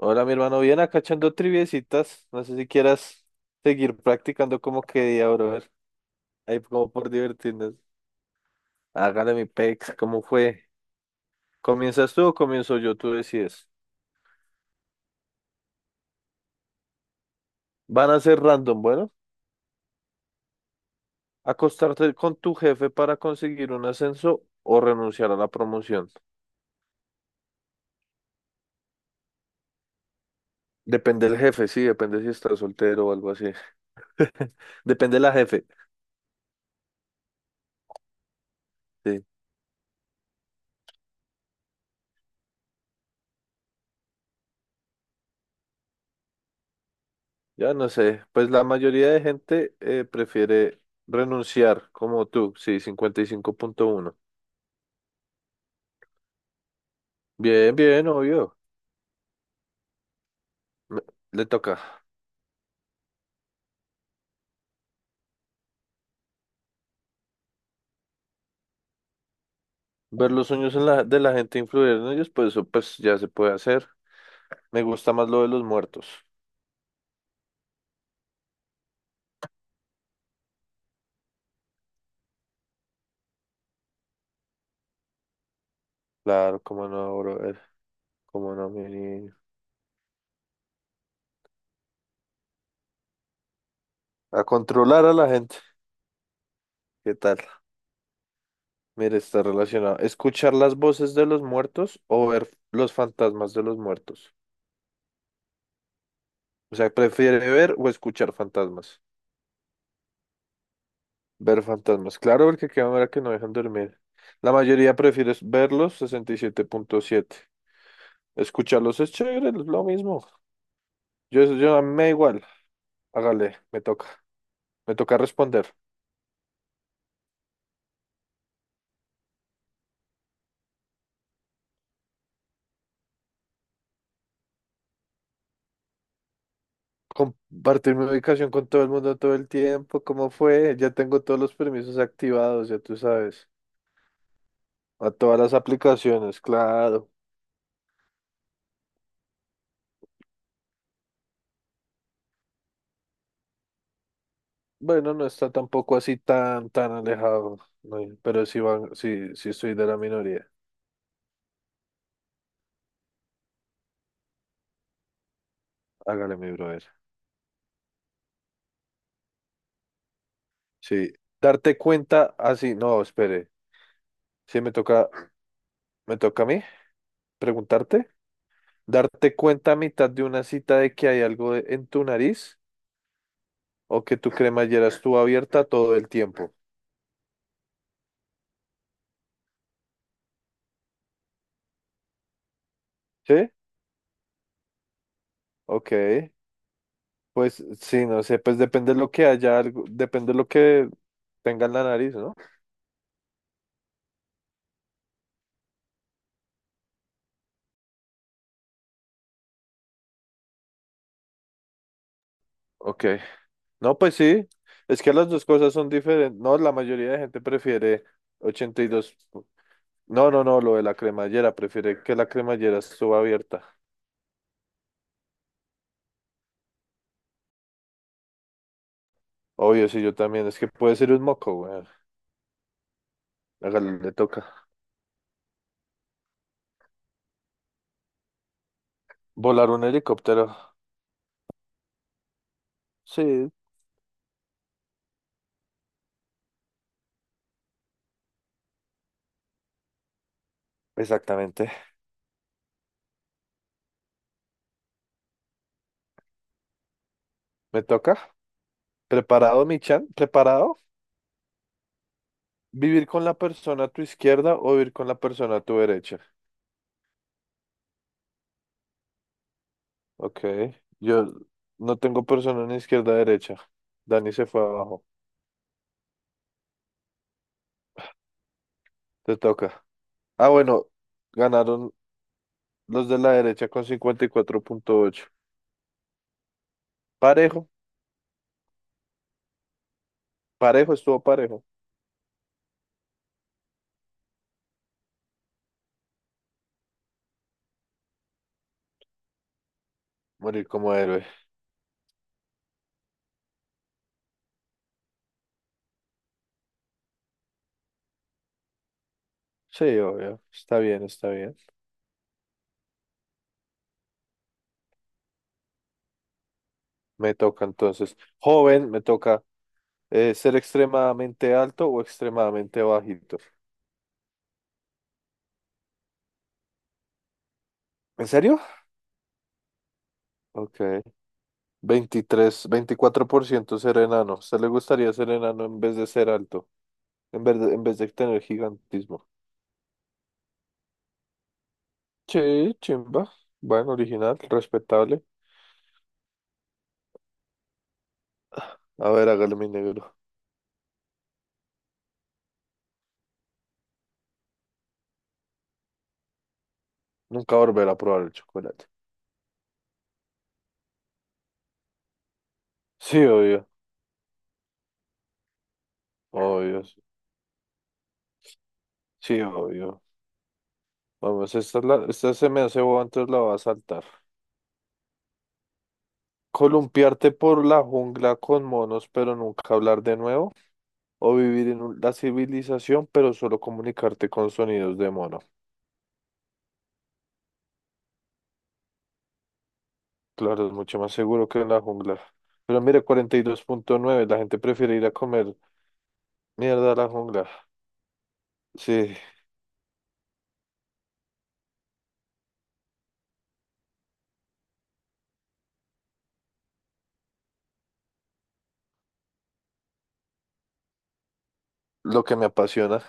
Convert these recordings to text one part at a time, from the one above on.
Hola, mi hermano, bien acá echando triviecitas. No sé si quieras seguir practicando como quería, brother. Ahí como por divertirnos. Hágale mi pex, ¿cómo fue? ¿Comienzas tú o comienzo yo? Tú decides. Van a ser random, bueno. Acostarte con tu jefe para conseguir un ascenso o renunciar a la promoción. Depende del jefe, sí, depende si estás soltero o algo así. Depende de la jefe, sí. Ya no sé, pues la mayoría de gente prefiere renunciar, como tú, sí, 55,1. Bien, bien, obvio. Me- Le toca ver los sueños de la gente, influir en ellos, pues eso pues ya se puede hacer. Me gusta más lo de los muertos. Claro, cómo no, brother. Cómo no, mi niño. A controlar a la gente. ¿Qué tal? Mire, está relacionado. Escuchar las voces de los muertos o ver los fantasmas de los muertos. O sea, prefiere ver o escuchar fantasmas. Ver fantasmas. Claro, porque qué manera que no dejan dormir. La mayoría prefiere verlos, 67,7. Escucharlos es chévere, es lo mismo. Yo a mí me da igual. Hágale, me toca. Me toca responder. Compartir mi ubicación con todo el mundo todo el tiempo. ¿Cómo fue? Ya tengo todos los permisos activados, ya tú sabes. A todas las aplicaciones, claro. Bueno, no está tampoco así tan, tan alejado. No, pero sí, van, sí, sí estoy de la minoría. Hágale, mi brother. Sí. Darte cuenta así. No, espere. Sí, me toca a mí preguntarte. Darte cuenta a mitad de una cita de que hay en tu nariz o que tu cremallera estuvo abierta todo el tiempo. ¿Sí? Ok. Pues sí, no sé, pues depende de lo que haya, algo, depende de lo que tenga en la nariz, ¿no? Ok. No, pues sí. Es que las dos cosas son diferentes. No, la mayoría de gente prefiere 82. No, no, no, lo de la cremallera. Prefiere que la cremallera estuvo abierta. Obvio, sí, yo también. Es que puede ser un moco, güey. Hágale, le toca. Volar un helicóptero. Sí. Exactamente. Me toca. ¿Preparado, mi chan? ¿Preparado? ¿Vivir con la persona a tu izquierda o vivir con la persona a tu derecha? Ok. Yo no tengo persona ni izquierda ni derecha. Dani se fue abajo. Te toca. Ah, bueno. Ganaron los de la derecha con 54,8. Parejo. Parejo, estuvo parejo. Morir como héroe. Sí, obvio. Está bien, está bien. Me toca entonces. Joven, me toca ser extremadamente alto o extremadamente bajito. ¿En serio? Ok. 23, 24% ser enano. ¿A usted le gustaría ser enano en vez de ser alto? En vez de tener gigantismo. Sí, chimba. Bueno, original, respetable. A ver, hágale mi negro. Nunca volver a probar el chocolate. Sí, obvio. Obvio. Sí, obvio. Vamos, esta se me hace boba, entonces la va a saltar. Columpiarte por la jungla con monos, pero nunca hablar de nuevo. O vivir en la civilización, pero solo comunicarte con sonidos de mono. Claro, es mucho más seguro que en la jungla. Pero mire, 42,9. La gente prefiere ir a comer mierda a la jungla. Sí, lo que me apasiona.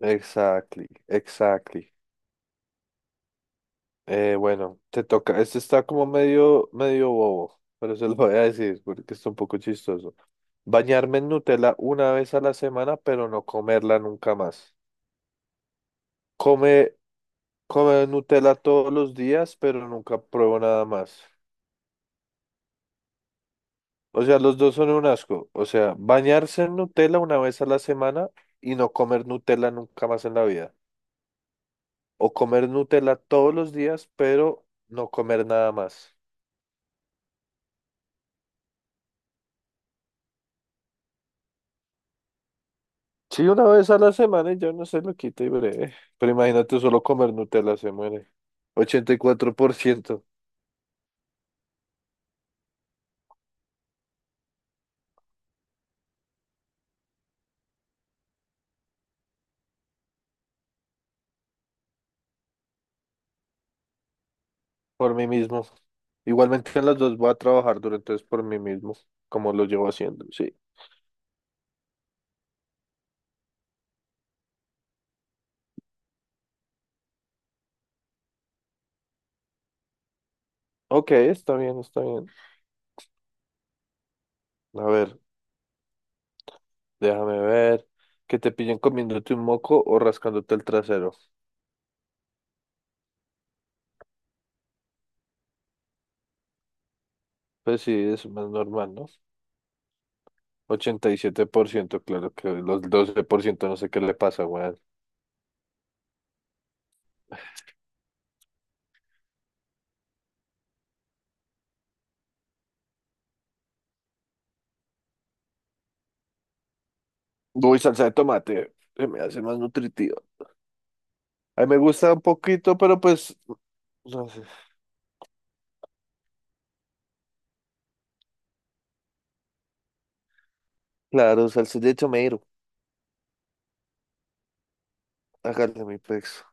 Exactly, exactly. Bueno, te toca. Este está como medio, medio bobo, pero se lo voy a decir porque está un poco chistoso. Bañarme en Nutella una vez a la semana, pero no comerla nunca más. Come, come Nutella todos los días, pero nunca pruebo nada más. O sea, los dos son un asco. O sea, bañarse en Nutella una vez a la semana y no comer Nutella nunca más en la vida. O comer Nutella todos los días, pero no comer nada más. Sí, una vez a la semana y yo no se lo quito y breve. Pero imagínate, solo comer Nutella se muere. 84%. Por mí mismo. Igualmente en las dos voy a trabajar durante entonces por mí mismo, como lo llevo haciendo. Sí. Ok, está bien, está bien. A ver. Déjame ver. Que te pillen comiéndote un moco o rascándote el trasero. Pues sí, es más normal, ¿no? 87%, claro que los 12% no sé qué le pasa, weón. Uy, salsa de tomate. Se me hace más nutritiva. A mí me gusta un poquito, pero pues, no sé. Claro, salsa de tomate. Hágale mi pex.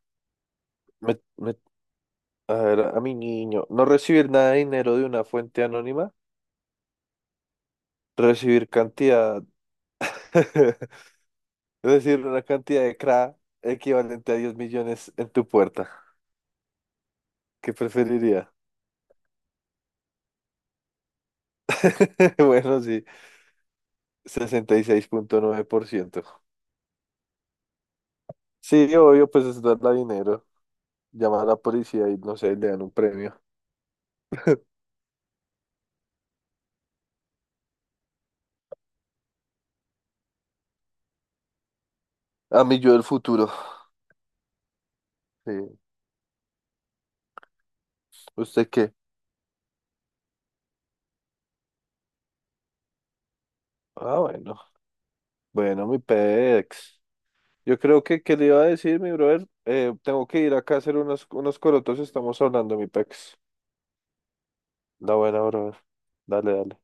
Me, me- a ver, a mi niño. No recibir nada de dinero de una fuente anónima. Recibir cantidad. Recibir una cantidad de CRA equivalente a 10 millones en tu puerta. ¿Qué preferiría? Bueno, sí, 66,9%. Sí, obvio, pues es darle dinero, llamar a la policía y no sé, le dan un premio. A mí yo del futuro. Sí. ¿Usted qué? Ah, bueno. Bueno, mi pex. Yo creo que, ¿qué le iba a decir, mi brother? Tengo que ir acá a hacer unos corotos, estamos hablando, mi pex. La buena, brother. Dale, dale.